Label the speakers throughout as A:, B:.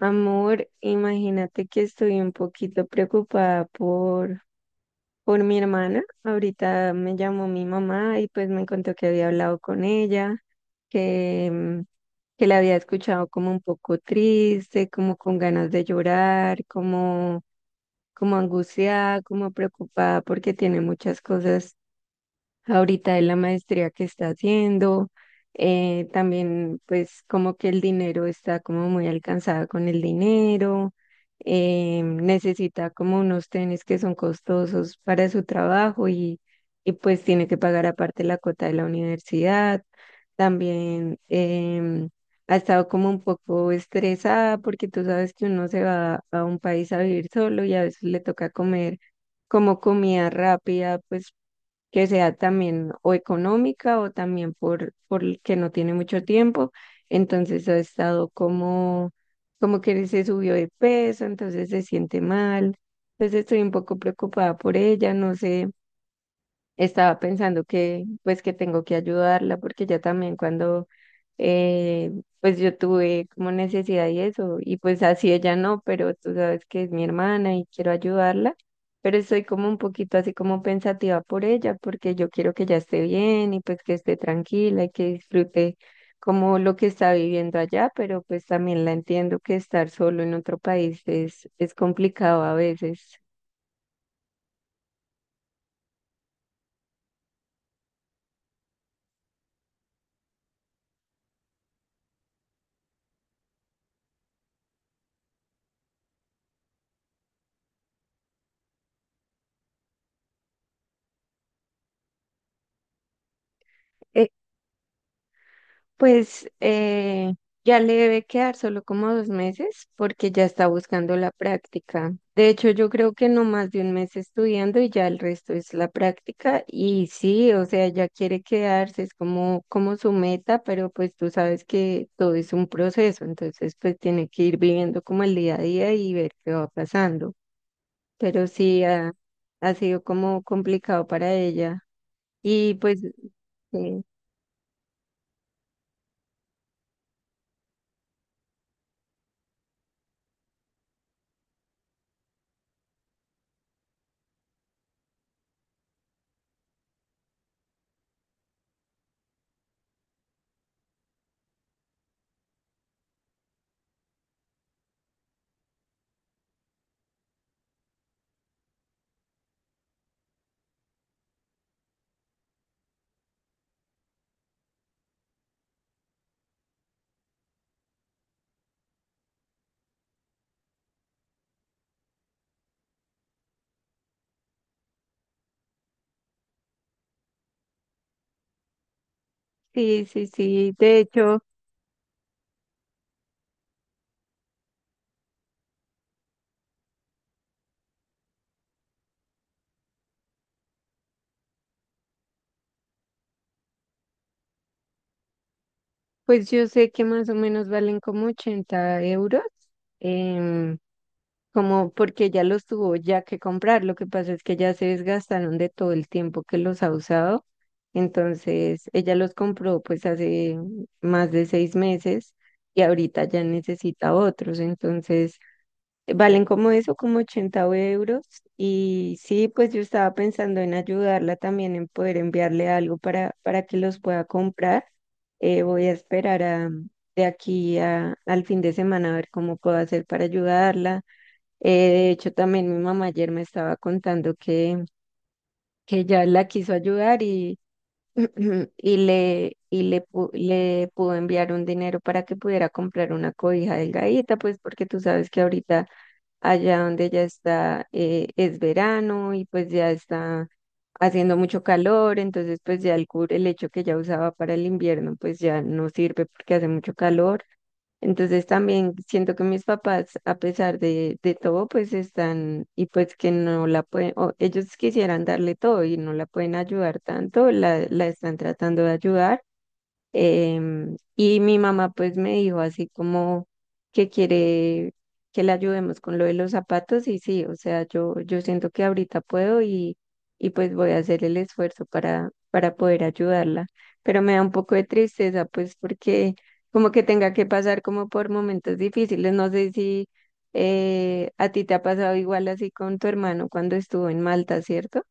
A: Amor, imagínate que estoy un poquito preocupada por mi hermana. Ahorita me llamó mi mamá y pues me contó que había hablado con ella, que, mm, que la había escuchado como un poco triste, como con ganas de como angustiada, como preocupada porque tiene muchas cosas ahorita en la maestría que está haciendo. También pues como que el dinero está como muy alcanzada con el dinero. Necesita como unos tenis que son costosos para su trabajo, y pues tiene que pagar aparte la cuota de la universidad. También ha estado como un poco estresada porque tú sabes que uno se va a un país a vivir solo y a veces le toca comer como comida rápida, pues que sea también o económica o también por el que no tiene mucho tiempo. Entonces ha estado como, Como que se subió de peso, entonces se siente mal. Entonces estoy un poco preocupada por ella, no sé, estaba pensando que pues que tengo que ayudarla porque ya también cuando eh, pues yo tuve como necesidad y eso y pues así ella no, pero tú sabes que es mi hermana y quiero ayudarla, pero estoy como un poquito así como pensativa por ella porque yo quiero que ella esté bien y pues que esté tranquila y que disfrute como lo que está viviendo allá, pero pues también la entiendo que estar solo en otro país es complicado a veces. Pues ya le debe quedar solo como 2 meses porque ya está buscando la práctica. De hecho, yo creo que no más de 1 mes estudiando y ya el resto es la práctica. Y sí, o sea, ya quiere quedarse, es como su meta, pero pues tú sabes que todo es un proceso, entonces pues tiene que ir viviendo como el día a día y ver qué va pasando. Pero sí, ha sido como complicado para ella. Y pues... Sí, sí. De hecho, pues yo sé que más o menos valen como 80 euros, em, como porque ya los tuvo ya que comprar. Lo que pasa es que ya se desgastaron de todo el tiempo que los ha usado. Entonces, ella los compró pues hace más de 6 meses y ahorita ya necesita otros. Entonces, valen como eso, como 80 euros. Y sí, pues yo estaba pensando en ayudarla también, en poder enviarle algo para que los pueda comprar. Voy a esperar de aquí a, al fin de semana a ver cómo puedo hacer para ayudarla. De hecho, también mi mamá ayer me estaba contando que ya la quiso ayudar y, y le, pu- le pudo enviar un dinero para que pudiera comprar una cobija delgadita, pues porque tú sabes que ahorita allá donde ya está, es verano y pues ya está haciendo mucho calor, entonces pues ya el el hecho que ya usaba para el invierno, pues ya no sirve porque hace mucho calor. Entonces también siento que mis papás, a pesar de todo, pues están y pues que no la pueden, o ellos quisieran darle todo y no la pueden ayudar tanto, la están tratando de ayudar. Y mi mamá pues me dijo así como que quiere que le ayudemos con lo de los zapatos y sí, o sea, yo siento que ahorita puedo y pues voy a hacer el esfuerzo para poder ayudarla. Pero me da un poco de tristeza pues porque como que tenga que pasar como por momentos difíciles, no sé si a ti te ha pasado igual así con tu hermano cuando estuvo en Malta, ¿cierto?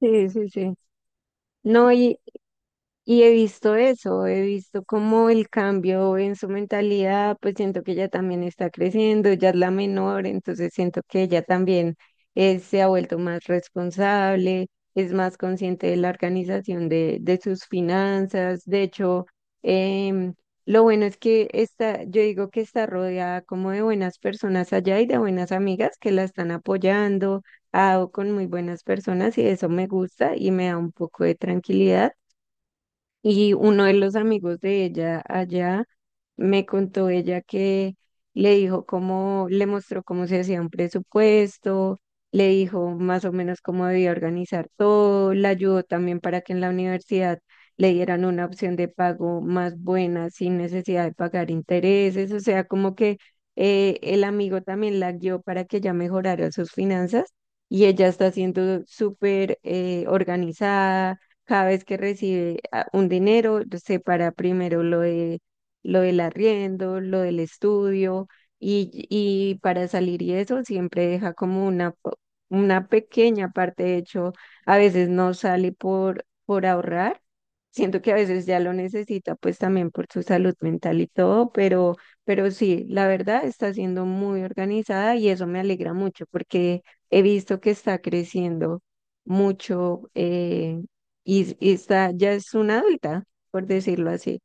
A: Sí, sí, sí. No, y, Y he visto eso, he visto cómo el cambio en su mentalidad, pues siento que ella también está creciendo, ya es la menor, entonces siento que ella también se ha vuelto más responsable, es más consciente de la organización de sus finanzas. De hecho, em, lo bueno es que está, yo digo que está rodeada como de buenas personas allá y de buenas amigas que la están apoyando, ha dado con muy buenas personas y eso me gusta y me da un poco de tranquilidad y uno de los amigos de ella allá me contó ella que le dijo cómo, le mostró cómo se hacía un presupuesto, le dijo más o menos cómo debía organizar todo, la ayudó también para que en la universidad le dieran una opción de pago más buena, sin necesidad de pagar intereses, o sea, como que el amigo también la guió para que ella mejorara sus finanzas y ella está siendo súper organizada. Cada vez que recibe un dinero, separa primero lo de lo del arriendo, lo del estudio y para salir y eso siempre deja como una pequeña parte, de hecho, a veces no sale por ahorrar, siento que a veces ya lo necesita pues también por su salud mental y todo, pero sí, la verdad está siendo muy organizada y eso me alegra mucho porque he visto que está creciendo mucho, y está, ya es una adulta, por decirlo así.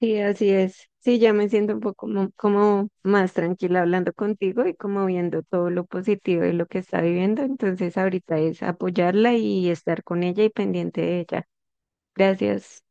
A: Sí, así es. Sí, ya me siento un poco como más tranquila hablando contigo y como viendo todo lo positivo de lo que está viviendo. Entonces ahorita es apoyarla y estar con ella y pendiente de ella. Gracias.